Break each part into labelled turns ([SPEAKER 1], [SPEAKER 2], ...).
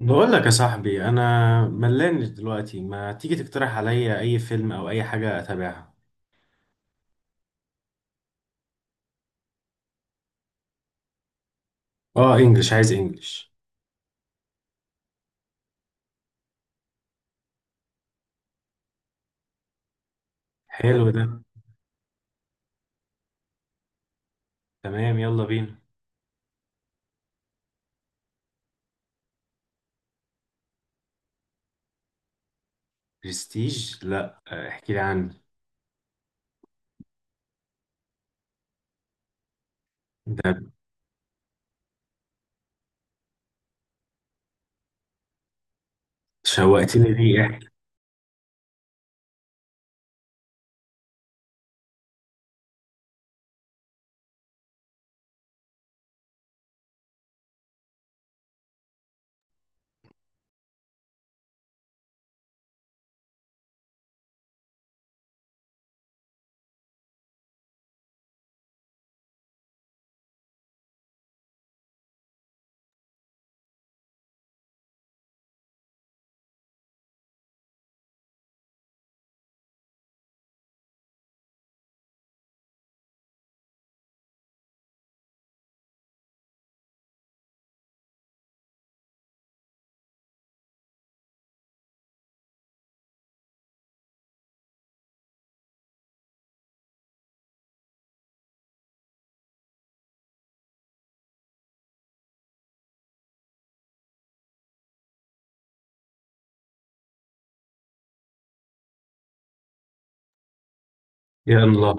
[SPEAKER 1] بقول لك يا صاحبي، انا ملان دلوقتي. ما تيجي تقترح عليا اي فيلم او اي حاجه اتابعها؟ اه، انجلش. عايز انجلش. حلو ده. تمام، يلا بينا. برستيج؟ لا. احكي لي عنه. ده، شوقتني. ليه؟ احكي. يلا.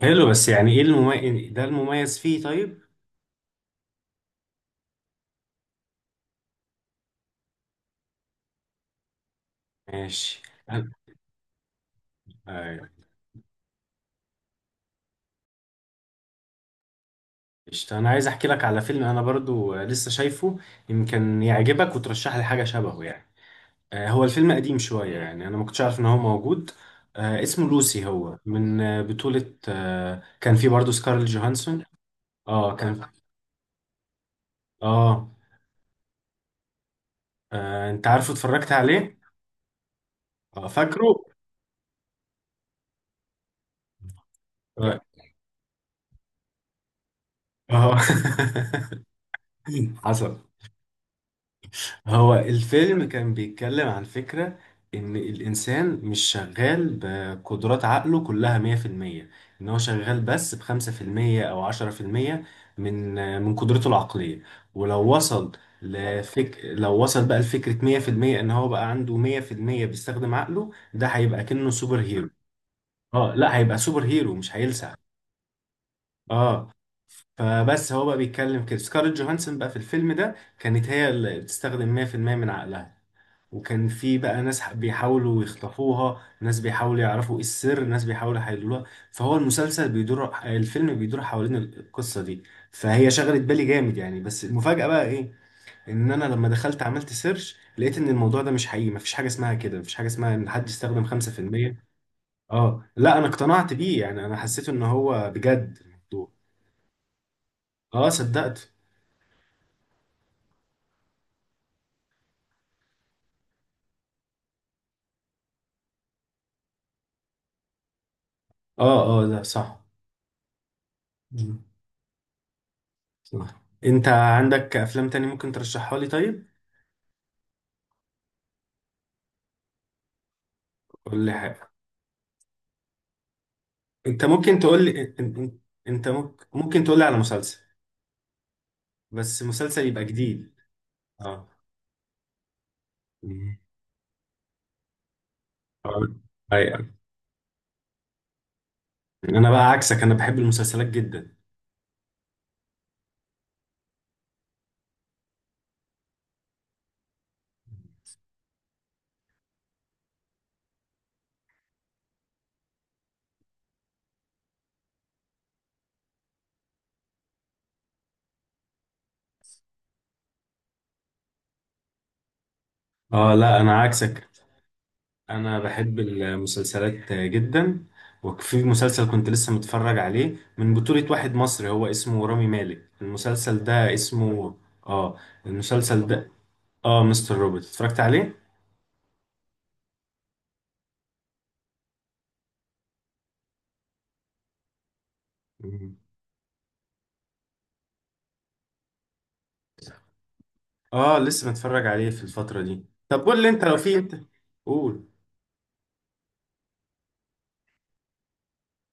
[SPEAKER 1] حلو، بس يعني ايه المميز؟ ده المميز فيه طيب؟ ماشي. أنا- آه، قشطة. انا عايز احكي لك على فيلم انا برضو لسه شايفه. يمكن يعجبك وترشح لي حاجه شبهه يعني. هو الفيلم قديم شوية، يعني أنا ما كنتش عارف إن هو موجود. اسمه لوسي. هو من بطولة كان فيه برضه سكارل جوهانسون. اه، كان. اه. أنت عارفه اتفرجت عليه؟ اه، فاكره؟ اه. آه. حصل. هو الفيلم كان بيتكلم عن فكرة، إن الإنسان مش شغال بقدرات عقله كلها 100%. إن هو شغال بس بخمسة في المية أو عشرة في المية، من من قدرته العقلية. ولو وصل لو وصل بقى لفكرة 100%، إن هو بقى عنده 100% بيستخدم عقله، ده هيبقى كأنه سوبر هيرو. اه، لا، هيبقى سوبر هيرو، مش هيلسع. اه. فبس هو بقى بيتكلم كده. سكارلت جوهانسون بقى في الفيلم ده كانت هي اللي بتستخدم 100% من عقلها. وكان في بقى ناس بيحاولوا يخطفوها، ناس بيحاولوا يعرفوا إيه السر، ناس بيحاولوا يحللوها. فهو المسلسل بيدور الفيلم بيدور حوالين القصة دي. فهي شغلت بالي جامد، يعني. بس المفاجأة بقى ايه؟ ان انا لما دخلت عملت سيرش، لقيت ان الموضوع ده مش حقيقي. مفيش حاجة اسمها كده. مفيش حاجة اسمها ان حد يستخدم 5%. اه، لا انا اقتنعت بيه يعني. انا حسيت ان هو بجد الموضوع. اه، صدقت. اه، اه، ده صح. مم. صح. انت عندك افلام تاني ممكن ترشحها لي طيب؟ ولا انت ممكن تقول لي انت ممكن تقول لي على مسلسل. بس مسلسل يبقى جديد. اه. مم. اه. ايوه. انا بقى عكسك، انا بحب المسلسلات جدا. اه، لا انا عكسك. انا بحب المسلسلات جدا. وفي مسلسل كنت لسه متفرج عليه، من بطولة واحد مصري هو اسمه رامي مالك. المسلسل ده اسمه... اه، المسلسل ده. اه، مستر روبوت. اتفرجت عليه. مم. اه، لسه متفرج عليه في الفترة دي. طب قول لي انت، لو في انت... قول.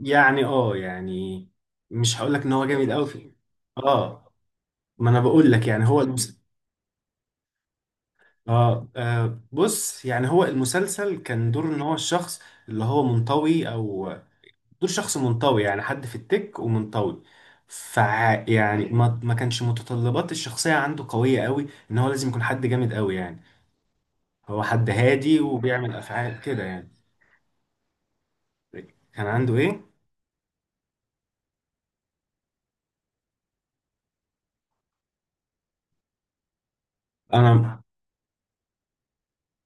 [SPEAKER 1] يعني يعني، مش هقول لك ان هو جامد قوي فيه. اه، ما انا بقول لك يعني، هو بص، يعني هو المسلسل كان دور ان هو الشخص اللي هو منطوي او... دور شخص منطوي، يعني حد في التك ومنطوي. يعني ما كانش متطلبات الشخصية عنده قوية قوي ان هو لازم يكون حد جامد قوي يعني. هو حد هادي وبيعمل افعال كده يعني. كان عنده ايه؟ انا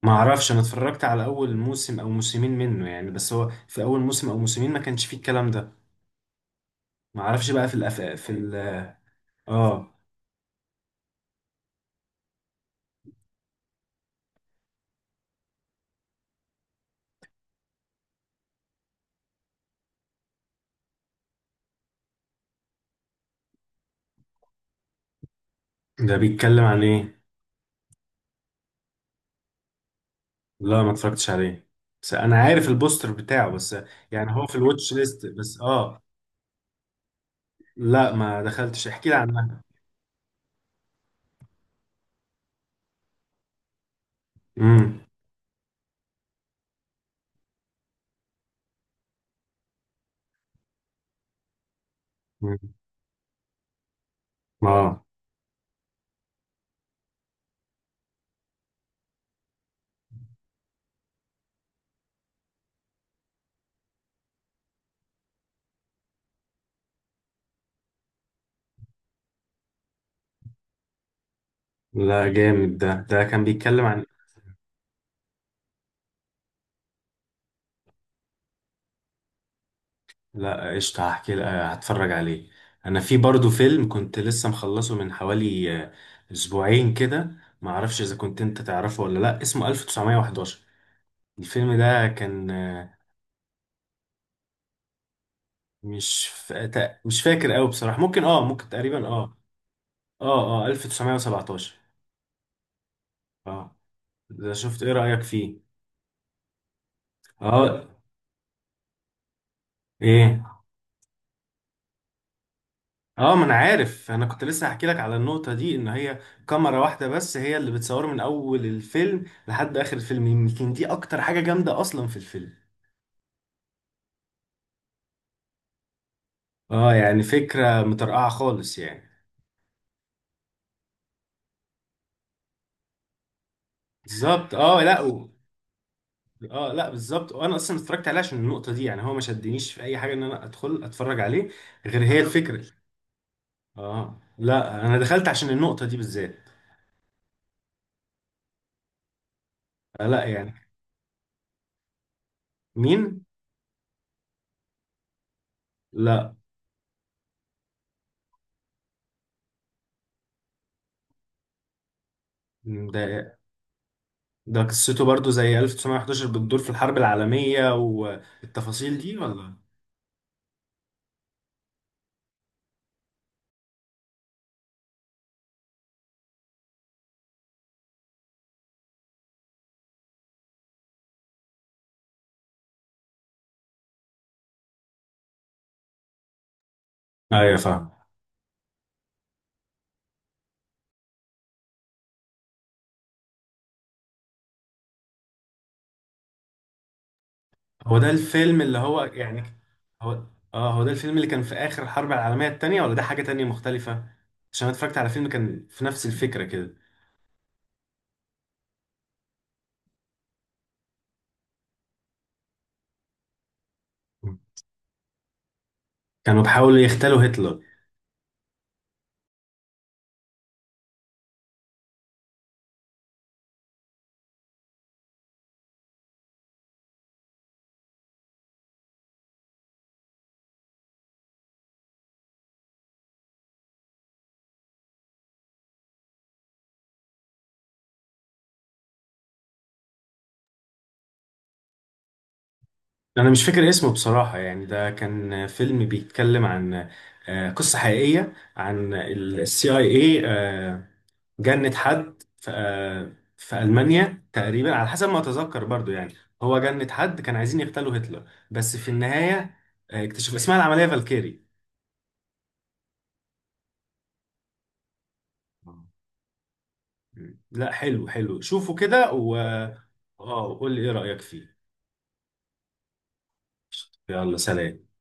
[SPEAKER 1] ما اعرفش. انا اتفرجت على اول موسم او موسمين منه يعني. بس هو في اول موسم او موسمين ما كانش فيه الكلام ده. ما اعرفش بقى في الأف... في ال... اه. ده بيتكلم عن ايه؟ لا، ما اتفرجتش عليه. بس انا عارف البوستر بتاعه بس. يعني هو في الواتش ليست بس. اه. لا، ما دخلتش. احكي لي عنها. امم. أمم. اه، لا جامد. ده كان بيتكلم عن... لا قشطة. هتفرج عليه. انا في برضو فيلم كنت لسه مخلصه من حوالي اسبوعين كده. معرفش اذا كنت انت تعرفه ولا لا. اسمه 1911. الفيلم ده كان مش فا... تا- مش فاكر قوي بصراحة. ممكن، اه، ممكن. تقريبا، اه. اه، اه. 1917. اه. ده شفت؟ ايه رأيك فيه؟ اه. ايه؟ اه، ما انا عارف. انا كنت لسه هحكي لك على النقطة دي، ان هي كاميرا واحدة بس هي اللي بتصوره من اول الفيلم لحد اخر الفيلم. يمكن دي اكتر حاجة جامدة اصلا في الفيلم. اه، يعني فكرة مترقعة خالص يعني. بالظبط. اه، لا و... اه، لا بالظبط. وانا اصلا اتفرجت عليه عشان النقطة دي. يعني هو ما شدنيش في اي حاجة ان انا ادخل اتفرج عليه، غير هي الفكرة. اه، لا انا دخلت عشان النقطة دي بالذات. لا يعني. مين؟ لا، ده ده قصته برضو زي 1911، بتدور في الحرب العالمية والتفاصيل دي، ولا؟ ايوه، فاهم. هو ده الفيلم اللي هو يعني... هو... اه، هو ده الفيلم اللي كان في آخر الحرب العالمية التانية، ولا ده حاجة تانية مختلفة؟ عشان أنا اتفرجت على فيلم كان في نفس الفكرة كده. كانوا بيحاولوا يغتالوا هتلر. أنا مش فاكر اسمه بصراحة يعني. ده كان فيلم بيتكلم عن قصة حقيقية عن السي اي اي. جند حد في ألمانيا تقريبا على حسب ما أتذكر برضو يعني. هو جند حد كان عايزين يغتالوا هتلر، بس في النهاية اكتشف. اسمها العملية فالكيري. لا، حلو حلو. شوفوا كده و... اه، قول لي ايه رأيك فيه. يلا، سلام.